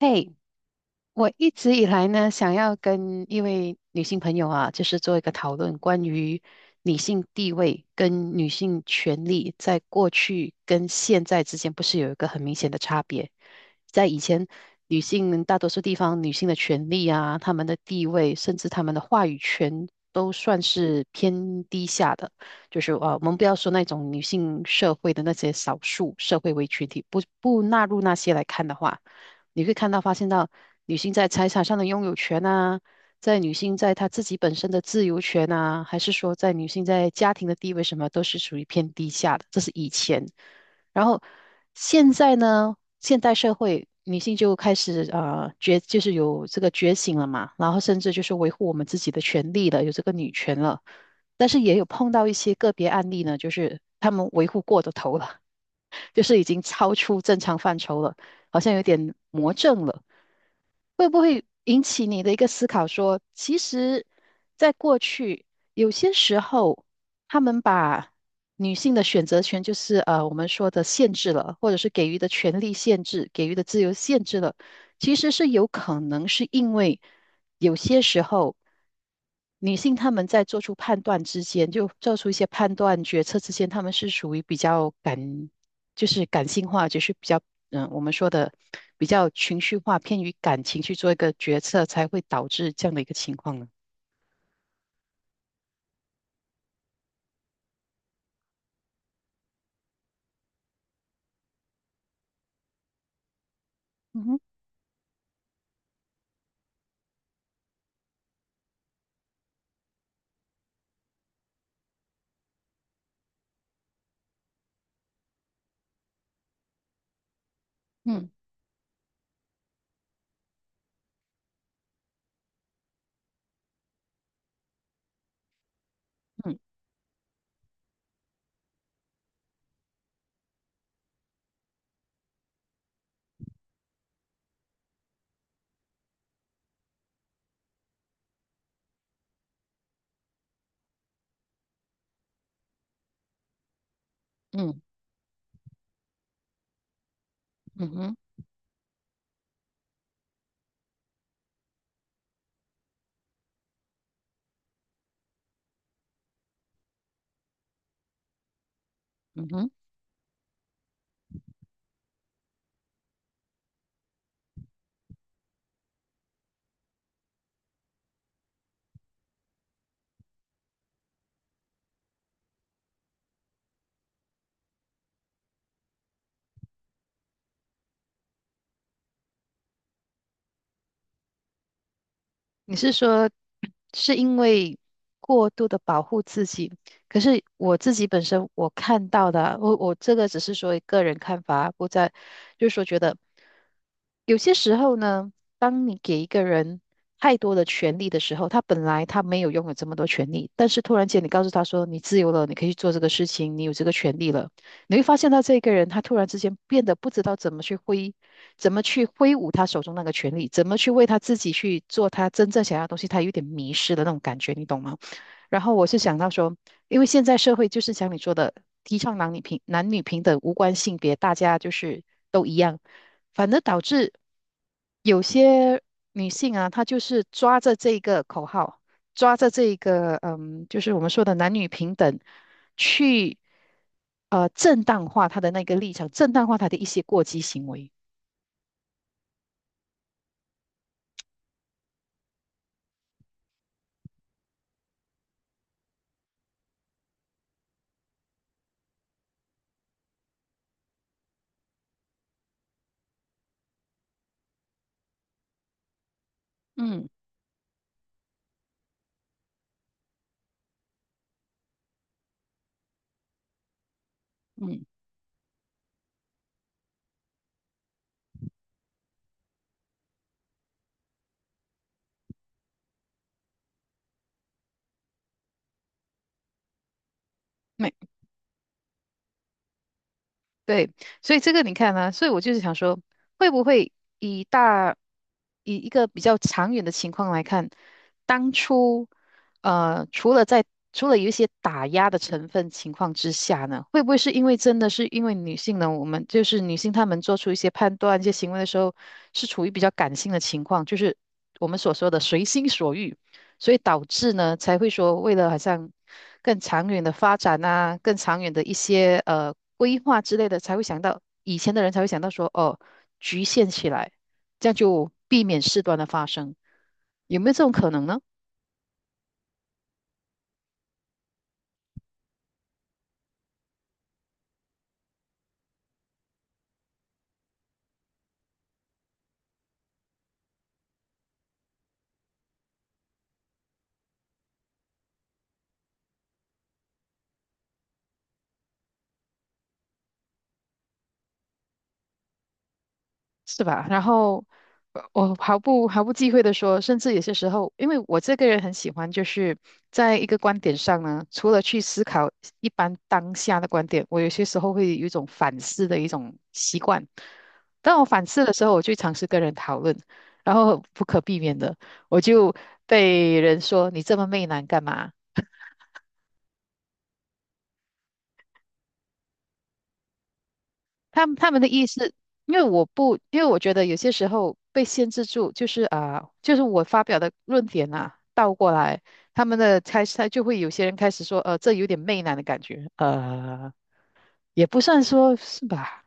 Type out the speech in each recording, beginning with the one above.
嘿，我一直以来呢，想要跟一位女性朋友啊，就是做一个讨论，关于女性地位跟女性权利在过去跟现在之间，不是有一个很明显的差别？在以前，女性大多数地方女性的权利啊，她们的地位，甚至她们的话语权都算是偏低下的。就是啊，我们不要说那种女性社会的那些少数社会为群体，不纳入那些来看的话。你会看到发现到女性在财产上的拥有权啊，在女性在她自己本身的自由权啊，还是说在女性在家庭的地位什么，都是属于偏低下的。这是以前，然后现在呢，现代社会女性就开始觉就是有这个觉醒了嘛，然后甚至就是维护我们自己的权利了，有这个女权了。但是也有碰到一些个别案例呢，就是他们维护过的头了。就是已经超出正常范畴了，好像有点魔怔了。会不会引起你的一个思考说，其实，在过去有些时候，他们把女性的选择权，就是我们说的限制了，或者是给予的权利限制、给予的自由限制了，其实是有可能是因为有些时候。女性她们在做出判断之间，就做出一些判断决策之间，她们是属于比较感就是感性化，就是比较我们说的比较情绪化，偏于感情去做一个决策，才会导致这样的一个情况呢。嗯哼，嗯嗯嗯嗯哼，嗯哼。你是说是因为过度的保护自己？可是我自己本身我看到的，我这个只是说个人看法，不在，就是说觉得有些时候呢，当你给一个人太多的权利的时候，他本来他没有拥有这么多权利，但是突然间你告诉他说你自由了，你可以去做这个事情，你有这个权利了。你会发现到这个人他突然之间变得不知道怎么去挥，怎么去挥舞他手中那个权力，怎么去为他自己去做他真正想要的东西，他有点迷失的那种感觉，你懂吗？然后我是想到说，因为现在社会就是像你说的，提倡男女平等，无关性别，大家就是都一样，反而导致有些女性啊，她就是抓着这个口号，抓着这一个嗯，就是我们说的男女平等，去正当化她的那个立场，正当化她的一些过激行为。嗯嗯，没对，所以这个你看呢、所以我就是想说，会不会以大以一个比较长远的情况来看，当初呃，除了在除了有一些打压的成分情况之下呢，会不会是因为真的是因为女性呢，我们就是女性她们做出一些判断、一些行为的时候，是处于比较感性的情况，就是我们所说的随心所欲，所以导致呢才会说，为了好像更长远的发展啊，更长远的一些规划之类的，才会想到以前的人才会想到说，哦，局限起来，这样就避免事端的发生，有没有这种可能呢？是吧？然后我毫不忌讳的说，甚至有些时候，因为我这个人很喜欢，就是在一个观点上呢，除了去思考一般当下的观点，我有些时候会有一种反思的一种习惯。当我反思的时候，我就尝试跟人讨论，然后不可避免的，我就被人说你这么媚男干嘛？他们的意思，因为我不，因为我觉得有些时候被限制住，就是啊、就是我发表的论点啊，倒过来，他们的开始，他就会有些人开始说，这有点媚男的感觉，也不算说是吧？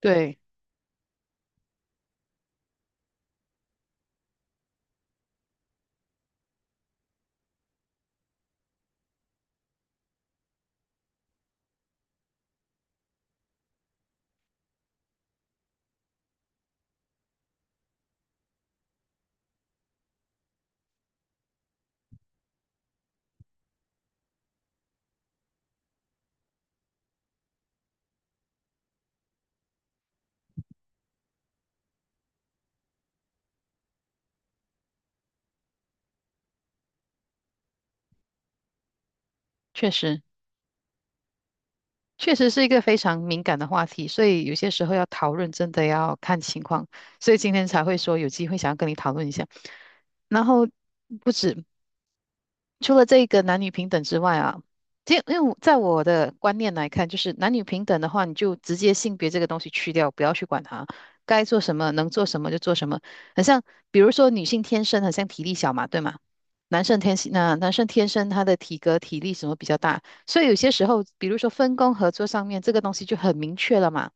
对，确实，确实是一个非常敏感的话题，所以有些时候要讨论，真的要看情况，所以今天才会说有机会想要跟你讨论一下。然后不止，除了这个男女平等之外啊，其实因为在我的观念来看，就是男女平等的话，你就直接性别这个东西去掉，不要去管它，该做什么能做什么就做什么。很像，比如说女性天生很像体力小嘛，对吗？男生天生他的体格体力什么比较大，所以有些时候，比如说分工合作上面，这个东西就很明确了嘛，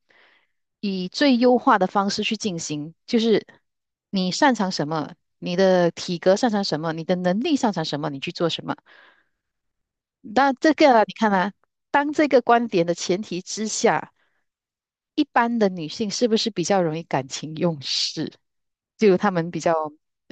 以最优化的方式去进行，就是你擅长什么，你的体格擅长什么，你的能力擅长什么，你去做什么。那这个啊你看啊，当这个观点的前提之下，一般的女性是不是比较容易感情用事？就她们比较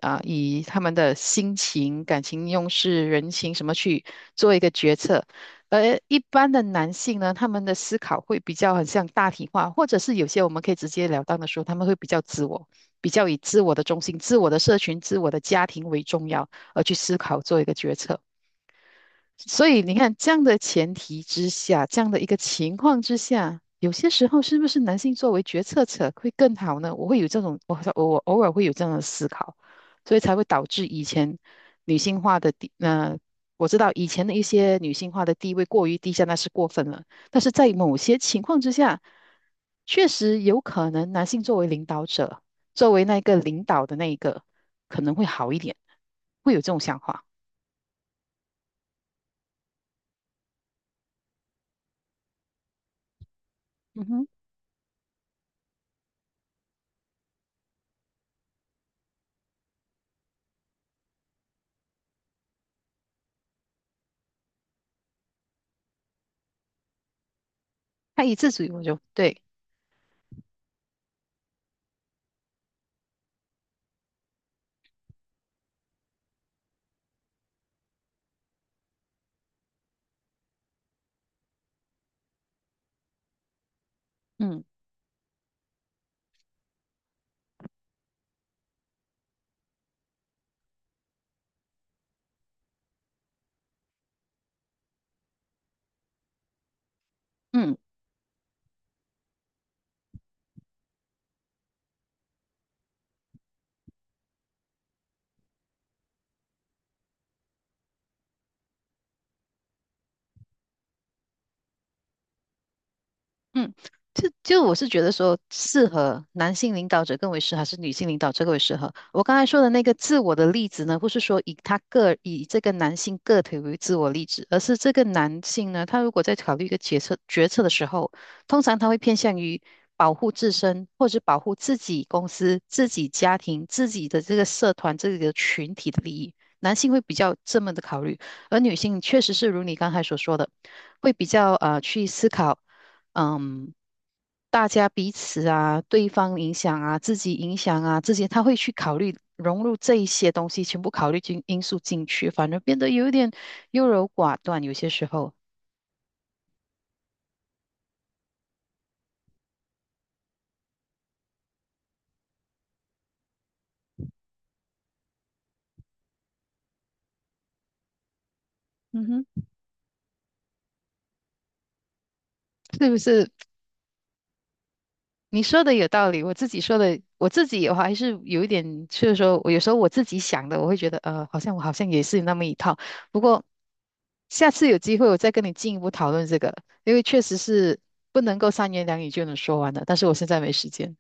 啊、以她们的心情、感情用事、人情什么去做一个决策，而一般的男性呢，他们的思考会比较很像大体化，或者是有些我们可以直截了当的说，他们会比较自我，比较以自我的中心、自我的社群、自我的家庭为重要而去思考做一个决策。所以你看，这样的前提之下，这样的一个情况之下，有些时候是不是男性作为决策者会更好呢？我会有这种，我偶尔会有这样的思考，所以才会导致以前女性化的地，呃，我知道以前的一些女性化的地位过于低下，那是过分了。但是在某些情况之下，确实有可能男性作为领导者，作为那个领导的那一个，可能会好一点，会有这种想法。嗯哼，他以自主，我就对。嗯嗯，嗯，就我是觉得说，适合男性领导者更为适合，还是女性领导者更为适合？我刚才说的那个自我的例子呢，不是说以他个以这个男性个体为自我例子，而是这个男性呢，他如果在考虑一个决策的时候，通常他会偏向于保护自身，或者保护自己公司、自己家庭、自己的这个社团、这个群体的利益。男性会比较这么的考虑，而女性确实是如你刚才所说的，会比较去思考。嗯，大家彼此啊，对方影响啊，自己影响啊，这些他会去考虑融入这一些东西，全部考虑进因素进去，反而变得有一点优柔寡断，有些时候，嗯哼，是不是？你说的有道理，我自己说的，我自己的话还是有一点，就是说我有时候我自己想的，我会觉得好像我好像也是那么一套，不过。下次有机会我再跟你进一步讨论这个，因为确实是不能够三言两语就能说完的，但是我现在没时间。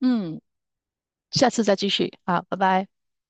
嗯，下次再继续，好，拜拜。